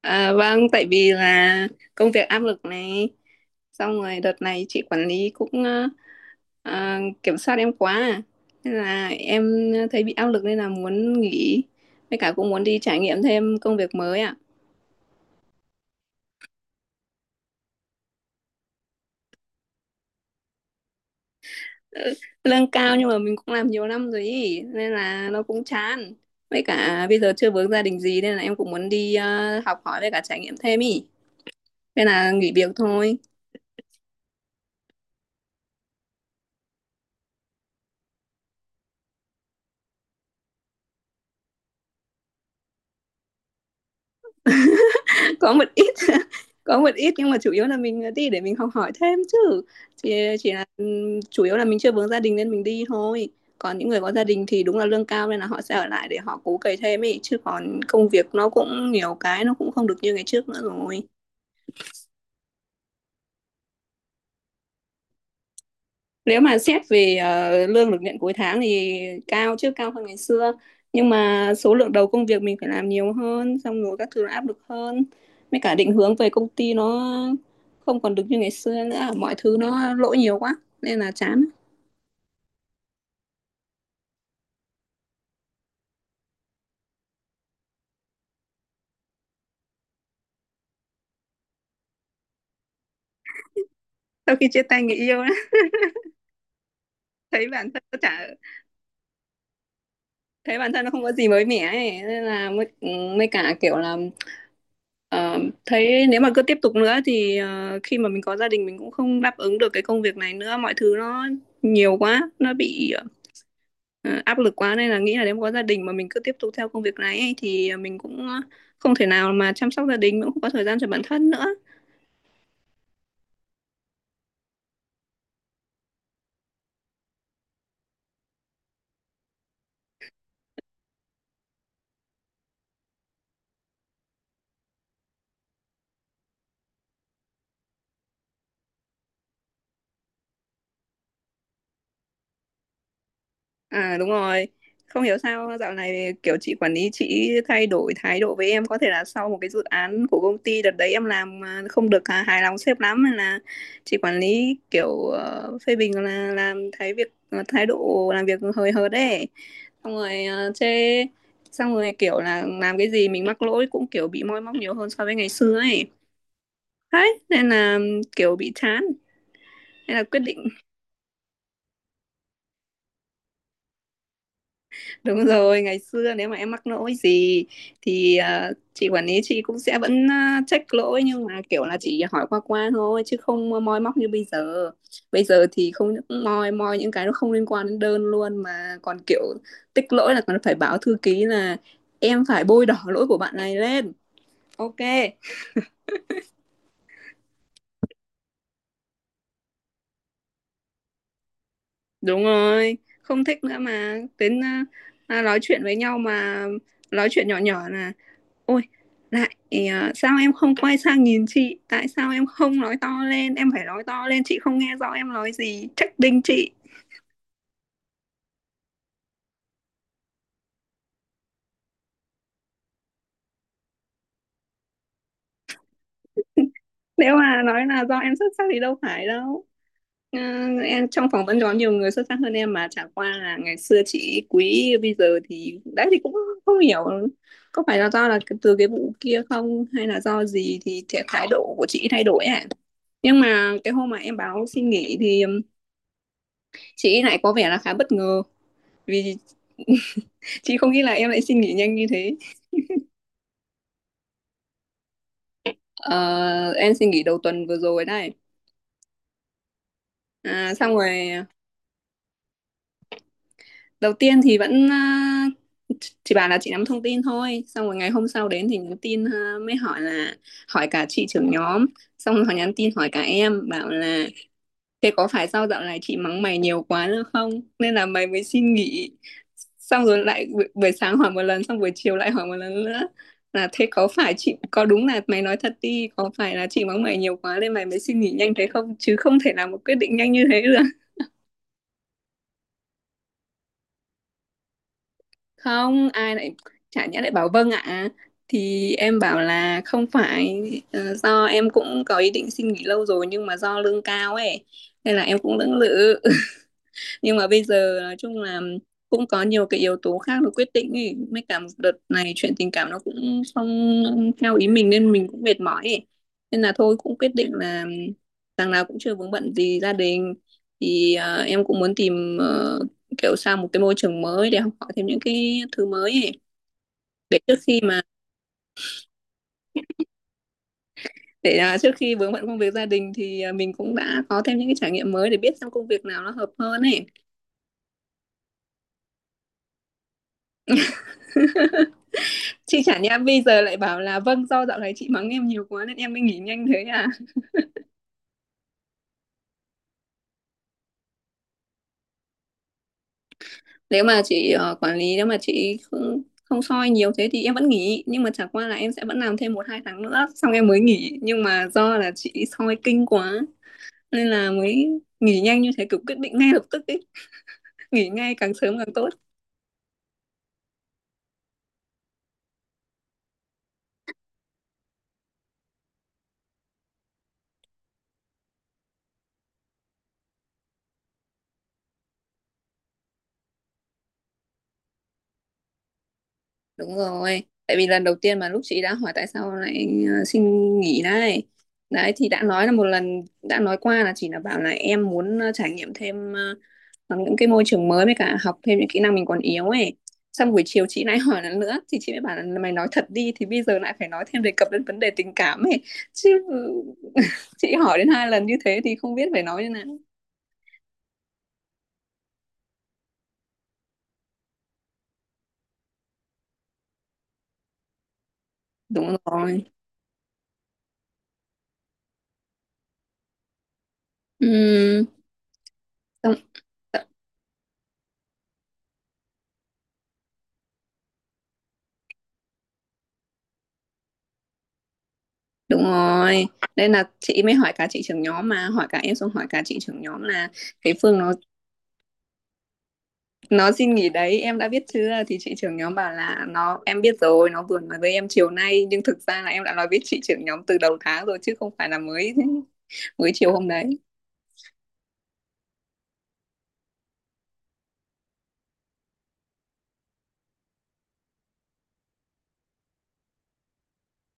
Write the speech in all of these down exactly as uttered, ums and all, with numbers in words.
À, vâng, tại vì là công việc áp lực này, xong rồi đợt này chị quản lý cũng ờ, ờ, kiểm soát em quá, à. nên là em thấy bị áp lực nên là muốn nghỉ, với cả cũng muốn đi trải nghiệm thêm công việc mới ạ. Ừ, lương cao nhưng mà mình cũng làm nhiều năm rồi ý, nên là nó cũng chán. Với cả bây giờ chưa vướng gia đình gì nên là em cũng muốn đi ờ, học hỏi với cả trải nghiệm thêm ý, nên là nghỉ việc thôi. Có một ít. Có một ít nhưng mà chủ yếu là mình à, đi để mình học hỏi thêm chứ chỉ chỉ là ừ, chủ yếu là mình chưa vướng gia đình nên mình đi thôi. Còn những người có gia đình thì đúng là lương cao nên là họ sẽ ở lại để họ cố cày thêm ấy, chứ còn công việc nó cũng nhiều cái nó cũng không được như ngày trước nữa rồi. Nếu mà xét về ờ, lương được nhận cuối tháng thì cao, chứ cao hơn ngày xưa, nhưng mà số lượng đầu công việc mình phải làm nhiều hơn, xong rồi các thứ nó áp lực hơn, mấy cả định hướng về công ty nó không còn được như ngày xưa nữa, mọi thứ nó lỗi nhiều quá nên là chán. Sau khi chia tay người yêu á, thấy bản thân nó chả, thấy bản thân nó không có gì mới mẻ ấy, nên là mới ừ, mới cả kiểu là ờ, thấy nếu mà cứ tiếp tục nữa thì ờ, khi mà mình có gia đình mình cũng không đáp ứng được cái công việc này nữa, mọi thứ nó nhiều quá, nó bị ờ, áp lực quá, nên là nghĩ là nếu mà có gia đình mà mình cứ tiếp tục theo công việc này ấy, thì mình cũng không thể nào mà chăm sóc gia đình, mình cũng không có thời gian cho bản thân nữa. À, đúng rồi. Không hiểu sao dạo này kiểu chị quản lý chị thay đổi thái độ với em, có thể là sau một cái dự án của công ty đợt đấy em làm mà không được à, hài lòng sếp lắm, nên là chị quản lý kiểu ờ, phê bình là làm thái việc ờ, thái độ làm việc hời hợt đấy. Xong rồi ờ, chê, xong rồi kiểu là làm cái gì mình mắc lỗi cũng kiểu bị moi móc nhiều hơn so với ngày xưa ấy. Đấy, nên là kiểu bị chán. Nên là quyết định. Đúng rồi, ngày xưa nếu mà em mắc lỗi gì thì à, chị quản lý chị cũng sẽ vẫn à, check lỗi, nhưng mà kiểu là chỉ hỏi qua qua thôi chứ không moi móc như bây giờ. Bây giờ thì không những moi moi những cái nó không liên quan đến đơn luôn, mà còn kiểu tích lỗi là còn phải báo thư ký là em phải bôi đỏ lỗi của bạn này lên. Ok, đúng rồi, không thích nữa mà đến à, à, nói chuyện với nhau mà nói chuyện nhỏ nhỏ là, Ôi, lại ờ, sao em không quay sang nhìn chị? Tại sao em không nói to lên? Em phải nói to lên, chị không nghe rõ em nói gì. Trách đinh chị. Nếu mà nói là do em xuất sắc thì đâu phải đâu. Ờ, em trong phỏng vấn có nhiều người xuất sắc hơn em, mà chả qua là ngày xưa chị quý, bây giờ thì đấy thì cũng không hiểu có phải là do là từ cái vụ kia không, hay là do gì thì thể- thái độ của chị thay đổi ạ. Nhưng mà cái hôm mà em báo xin nghỉ thì ừm, chị lại có vẻ là khá bất ngờ vì, chị không nghĩ là em lại xin nghỉ nhanh như thế. Ờ, em xin nghỉ đầu tuần vừa rồi này. À, xong rồi đầu tiên thì vẫn à, chị bảo là chị nắm thông tin thôi, xong rồi ngày hôm sau đến thì nhắn tin à, mới hỏi là, hỏi cả chị trưởng nhóm, xong rồi họ nhắn tin hỏi cả em bảo là, thế có phải sau dạo này chị mắng mày nhiều quá nữa không? Nên là mày mới xin nghỉ. Xong rồi lại buổi, buổi sáng hỏi một lần, xong buổi chiều lại hỏi một lần nữa. Là thế có phải chị, có đúng là mày nói thật đi, có phải là chị mắng mày nhiều quá nên mày mới xin nghỉ nhanh thế không? Chứ không thể làm một quyết định nhanh như thế được. Không, ai lại, chả nhẽ lại bảo vâng ạ. Thì em bảo là không phải, ờ, do em cũng có ý định xin nghỉ lâu rồi nhưng mà do lương cao ấy. Nên là em cũng lưỡng lự. Nhưng mà bây giờ nói chung là cũng có nhiều cái yếu tố khác nó quyết định ấy, mấy cả một đợt này chuyện tình cảm nó cũng không theo ý mình nên mình cũng mệt mỏi ấy. Nên là thôi, cũng quyết định là đằng nào cũng chưa vướng bận gì gia đình, thì à, em cũng muốn tìm ờ, kiểu sang một cái môi trường mới để học hỏi thêm những cái thứ mới ấy. Để trước khi mà, để à, trước khi vướng bận công việc gia đình thì à, mình cũng đã có thêm những cái trải nghiệm mới để biết xem công việc nào nó hợp hơn ấy. Chị chả nhẽ bây giờ lại bảo là vâng do dạo này chị mắng em nhiều quá nên em mới nghỉ nhanh thế à. Nếu mà chị ờ, quản lý, nếu mà chị không không soi nhiều thế thì em vẫn nghỉ, nhưng mà chẳng qua là em sẽ vẫn làm thêm một hai tháng nữa xong em mới nghỉ, nhưng mà do là chị soi kinh quá nên là mới nghỉ nhanh như thế, kiểu quyết định ngay lập tức ấy, nghỉ ngay càng sớm càng tốt. Đúng rồi, tại vì lần đầu tiên mà lúc chị đã hỏi tại sao lại ờ, xin nghỉ đấy, đấy thì đã nói là một lần, đã nói qua là chỉ là bảo là em muốn ờ, trải nghiệm thêm, ờ, hoặc những cái môi trường mới, với cả học thêm những kỹ năng mình còn yếu ấy. Xong buổi chiều chị lại hỏi lần nữa thì chị mới bảo là mày nói thật đi, thì bây giờ lại phải nói thêm đề cập đến vấn đề tình cảm ấy chứ. Chị hỏi đến hai lần như thế thì không biết phải nói như nào. Đúng rồi. Ừ, xong- đúng rồi, nên là chị mới hỏi cả chị trưởng nhóm, mà hỏi cả em xong hỏi cả chị trưởng nhóm là cái Phương nó Nó xin nghỉ đấy, em đã biết chưa? Thì chị trưởng nhóm bảo là nó em biết rồi, nó vừa nói với em chiều nay, nhưng thực ra là em đã nói với chị trưởng nhóm từ đầu tháng rồi chứ không phải là mới mới chiều hôm đấy.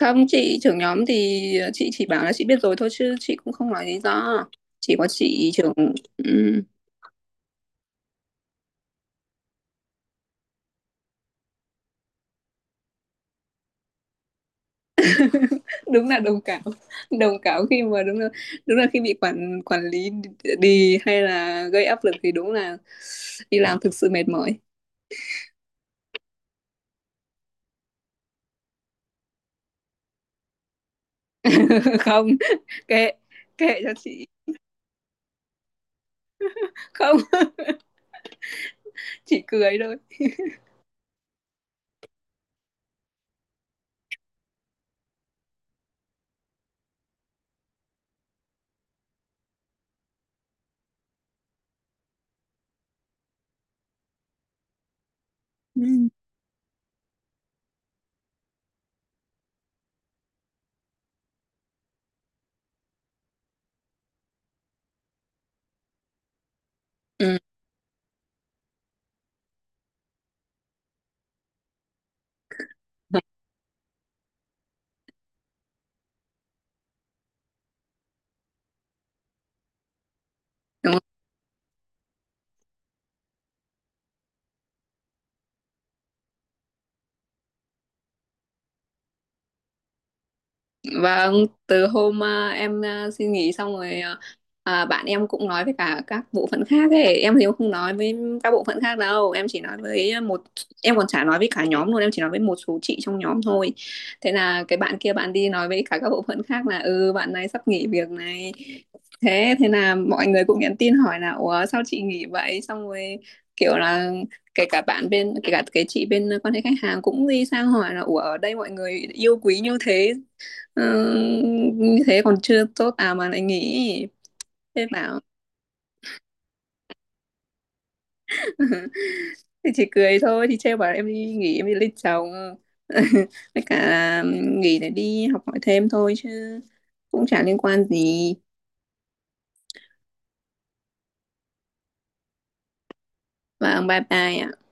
Không, chị trưởng nhóm thì chị chỉ bảo là chị biết rồi thôi, chứ chị cũng không nói lý do. Chỉ có chị trưởng. Ừ. Đúng là đồng cảm, đồng cảm khi mà đúng là, đúng là khi bị quản quản lý đi hay là gây áp lực thì đúng là đi làm thực sự mệt mỏi. Không, kệ, kệ cho chị. Không, chỉ cười thôi. Ừ. Ừ. Vâng, từ hôm à, em à, xin nghỉ xong rồi à, à, bạn em cũng nói với cả các bộ phận khác ấy, em thì em không nói với các bộ phận khác đâu, em chỉ nói với một, em còn chả nói với cả nhóm luôn, em chỉ nói với một số chị trong nhóm thôi. Thế là cái bạn kia bạn đi nói với cả các bộ phận khác là ừ bạn này sắp nghỉ việc này. Thế thế là mọi người cũng nhắn tin hỏi là ủa sao chị nghỉ vậy? Xong rồi kiểu là kể cả bạn bên, kể cả cái chị bên quan hệ khách hàng cũng đi sang hỏi là ủa ở đây mọi người yêu quý như thế, Ờ, như thế còn chưa tốt à mà lại nghỉ. Thế bảo, thì chỉ cười thôi, thì trêu bảo em đi nghỉ em đi lấy chồng. Với cả là nghỉ để đi học hỏi thêm thôi chứ cũng chả liên quan gì. Và bye bye ạ.